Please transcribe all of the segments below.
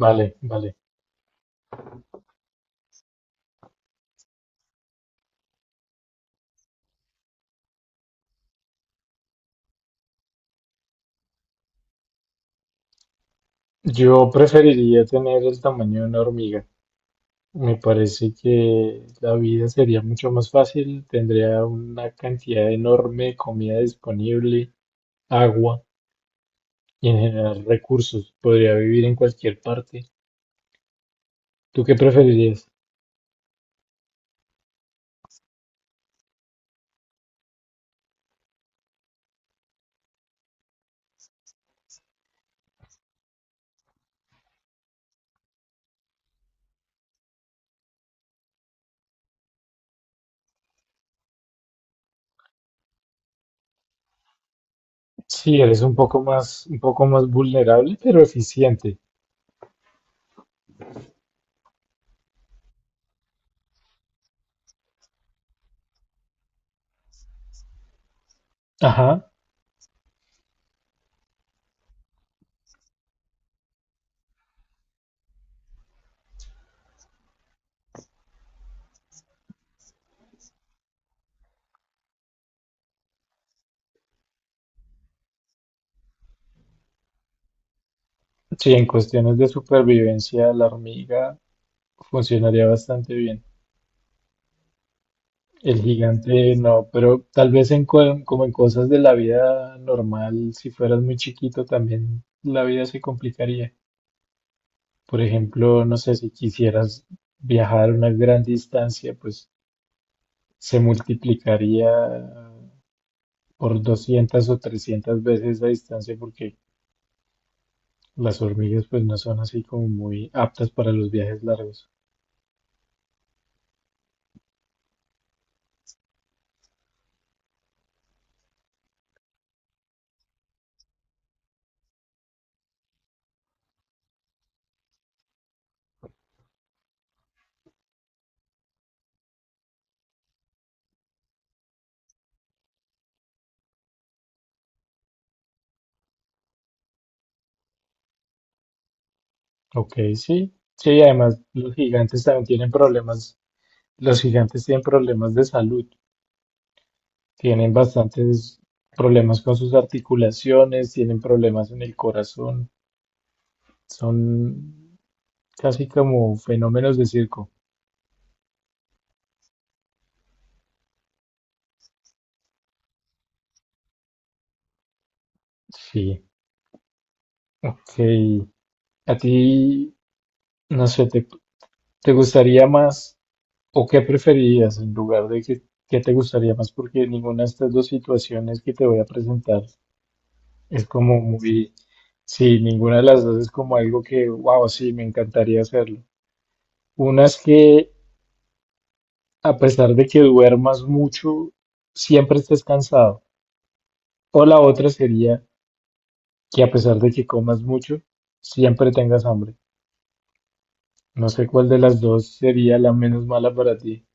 Vale, vale. Yo preferiría tener el tamaño de una hormiga. Me parece que la vida sería mucho más fácil, tendría una cantidad enorme de comida disponible, agua y en general recursos. Podría vivir en cualquier parte. ¿Tú qué preferirías? Sí, eres un poco más vulnerable, pero eficiente. Ajá. Sí, en cuestiones de supervivencia, la hormiga funcionaría bastante bien. El gigante no, pero tal vez como en cosas de la vida normal, si fueras muy chiquito también la vida se complicaría. Por ejemplo, no sé, si quisieras viajar una gran distancia, pues se multiplicaría por 200 o 300 veces la distancia, porque las hormigas pues no son así como muy aptas para los viajes largos. Ok, sí. Sí, además los gigantes también tienen problemas, los gigantes tienen problemas de salud. Tienen bastantes problemas con sus articulaciones, tienen problemas en el corazón, son casi como fenómenos de circo. Sí, ok. ¿A ti, no sé, te gustaría más o qué preferirías en lugar de que, qué te gustaría más? Porque ninguna de estas dos situaciones que te voy a presentar es como muy, sí, ninguna de las dos es como algo que, wow, sí, me encantaría hacerlo. Una es que a pesar de que duermas mucho, siempre estés cansado. O la otra sería que a pesar de que comas mucho, siempre tengas hambre. No sé cuál de las dos sería la menos mala para ti.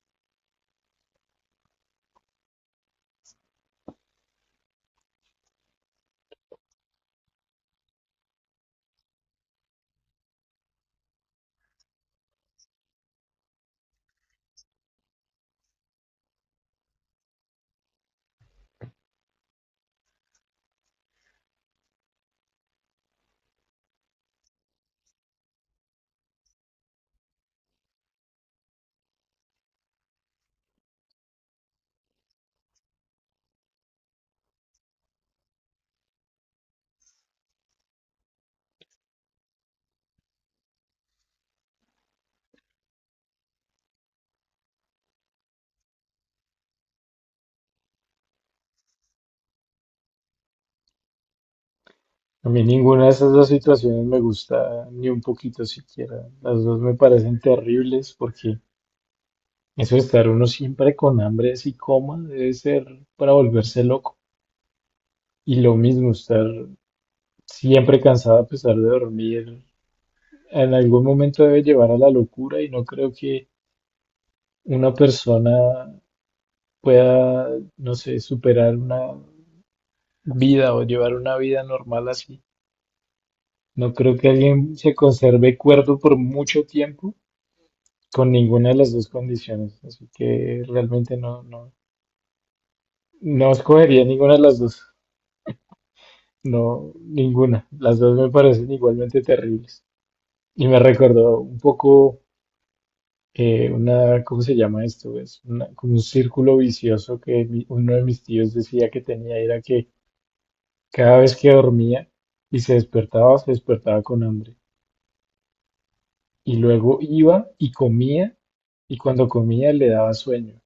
A mí ninguna de esas dos situaciones me gusta ni un poquito siquiera. Las dos me parecen terribles, porque eso de estar uno siempre con hambre así coma debe ser para volverse loco. Y lo mismo, estar siempre cansado a pesar de dormir en algún momento debe llevar a la locura, y no creo que una persona pueda, no sé, superar una vida o llevar una vida normal así. No creo que alguien se conserve cuerdo por mucho tiempo con ninguna de las dos condiciones, así que realmente no, no, no escogería ninguna de las dos. No, ninguna. Las dos me parecen igualmente terribles. Y me recordó un poco una, ¿cómo se llama esto? Es como un círculo vicioso que uno de mis tíos decía que tenía, era que cada vez que dormía y se despertaba con hambre. Y luego iba y comía, y cuando comía le daba sueño.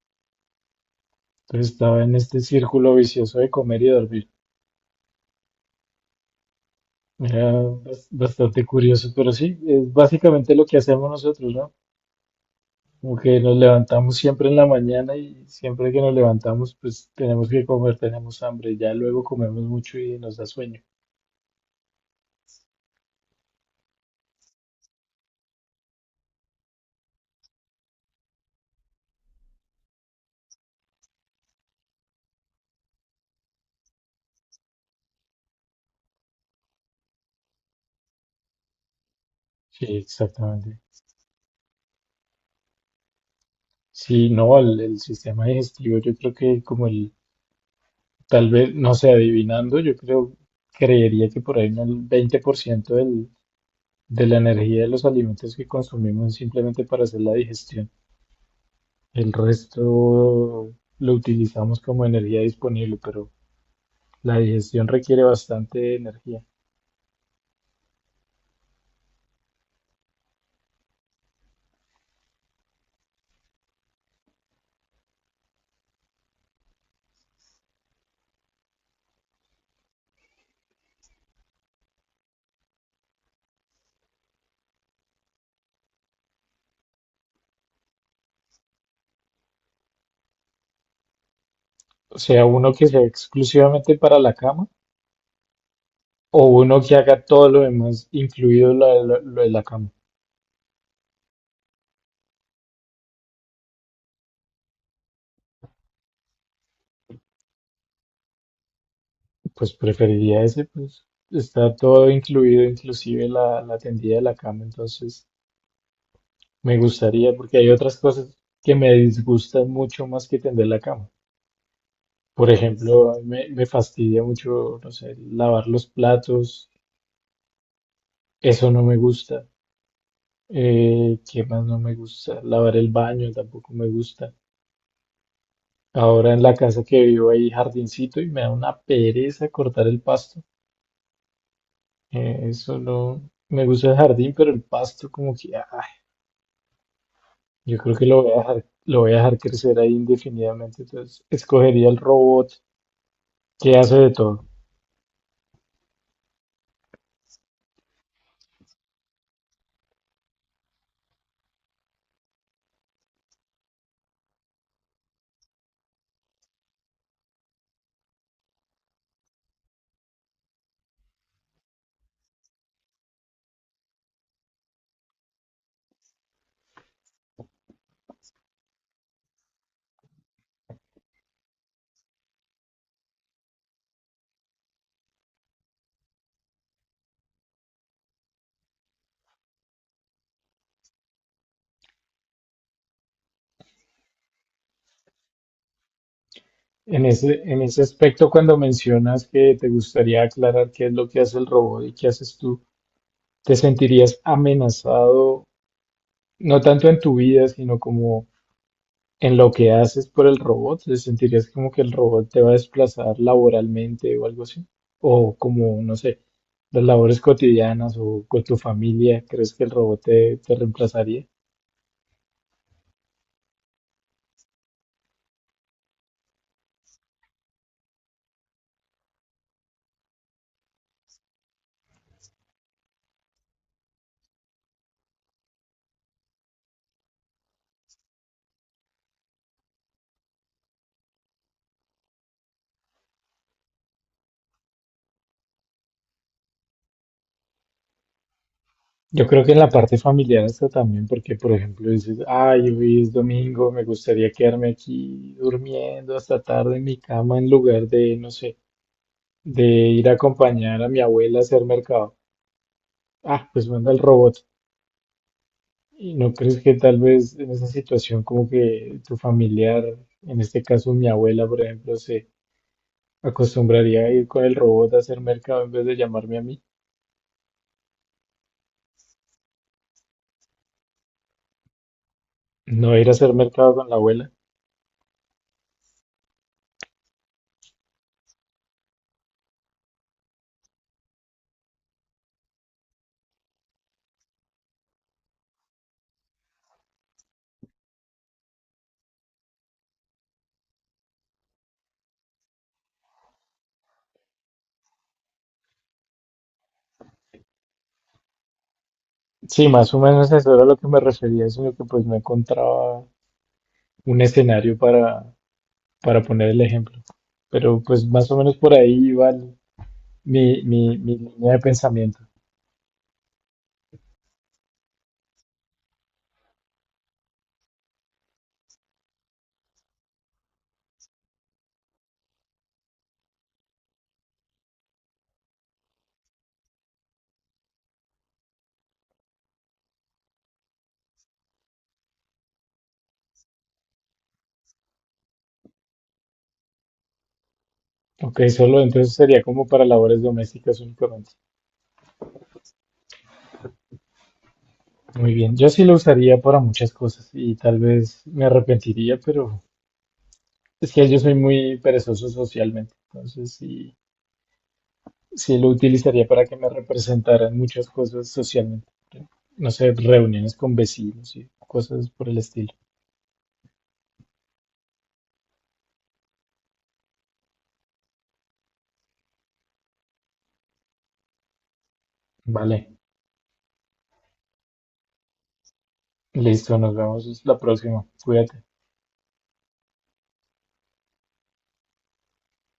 Entonces estaba en este círculo vicioso de comer y dormir. Era bastante curioso, pero sí, es básicamente lo que hacemos nosotros, ¿no? Como que nos levantamos siempre en la mañana y siempre que nos levantamos, pues tenemos que comer, tenemos hambre. Ya luego comemos mucho y nos da sueño. Sí, exactamente. Sí, no, el sistema digestivo, yo creo que como el, tal vez, no sé, adivinando, yo creo, creería que por ahí en el 20% del, de la energía de los alimentos que consumimos es simplemente para hacer la digestión. El resto lo utilizamos como energía disponible, pero la digestión requiere bastante energía. O sea, uno que sea exclusivamente para la cama o uno que haga todo lo demás, incluido lo de la cama. Pues preferiría ese, pues está todo incluido, inclusive la tendida de la cama. Entonces me gustaría, porque hay otras cosas que me disgustan mucho más que tender la cama. Por ejemplo, me fastidia mucho, no sé, lavar los platos. Eso no me gusta. ¿Qué más no me gusta? Lavar el baño tampoco me gusta. Ahora en la casa que vivo hay jardincito y me da una pereza cortar el pasto. Eso no. Me gusta el jardín, pero el pasto como que, ay, yo creo que lo voy a dejar crecer ahí indefinidamente. Entonces, escogería el robot que hace de todo. En en ese aspecto, cuando mencionas que te gustaría aclarar qué es lo que hace el robot y qué haces tú, ¿te sentirías amenazado, no tanto en tu vida, sino como en lo que haces por el robot? ¿Te sentirías como que el robot te va a desplazar laboralmente o algo así? O como, no sé, las labores cotidianas o con tu familia, ¿crees que el robot te reemplazaría? Yo creo que en la parte familiar hasta también, porque por ejemplo dices, ay, hoy es domingo, me gustaría quedarme aquí durmiendo hasta tarde en mi cama en lugar de, no sé, de ir a acompañar a mi abuela a hacer mercado. Ah, pues manda el robot. ¿Y no crees que tal vez en esa situación como que tu familiar, en este caso mi abuela, por ejemplo, se acostumbraría a ir con el robot a hacer mercado en vez de llamarme a mí? No ir a hacer mercado con la abuela. Sí, más o menos eso era a lo que me refería, sino que pues no encontraba un escenario para poner el ejemplo. Pero pues más o menos por ahí iba mi línea de pensamiento. Ok, solo entonces sería como para labores domésticas únicamente. Muy bien, yo sí lo usaría para muchas cosas y tal vez me arrepentiría, pero es que yo soy muy perezoso socialmente, entonces sí, sí lo utilizaría para que me representaran muchas cosas socialmente. No sé, reuniones con vecinos y cosas por el estilo. Vale, listo, nos vemos la próxima. Cuídate.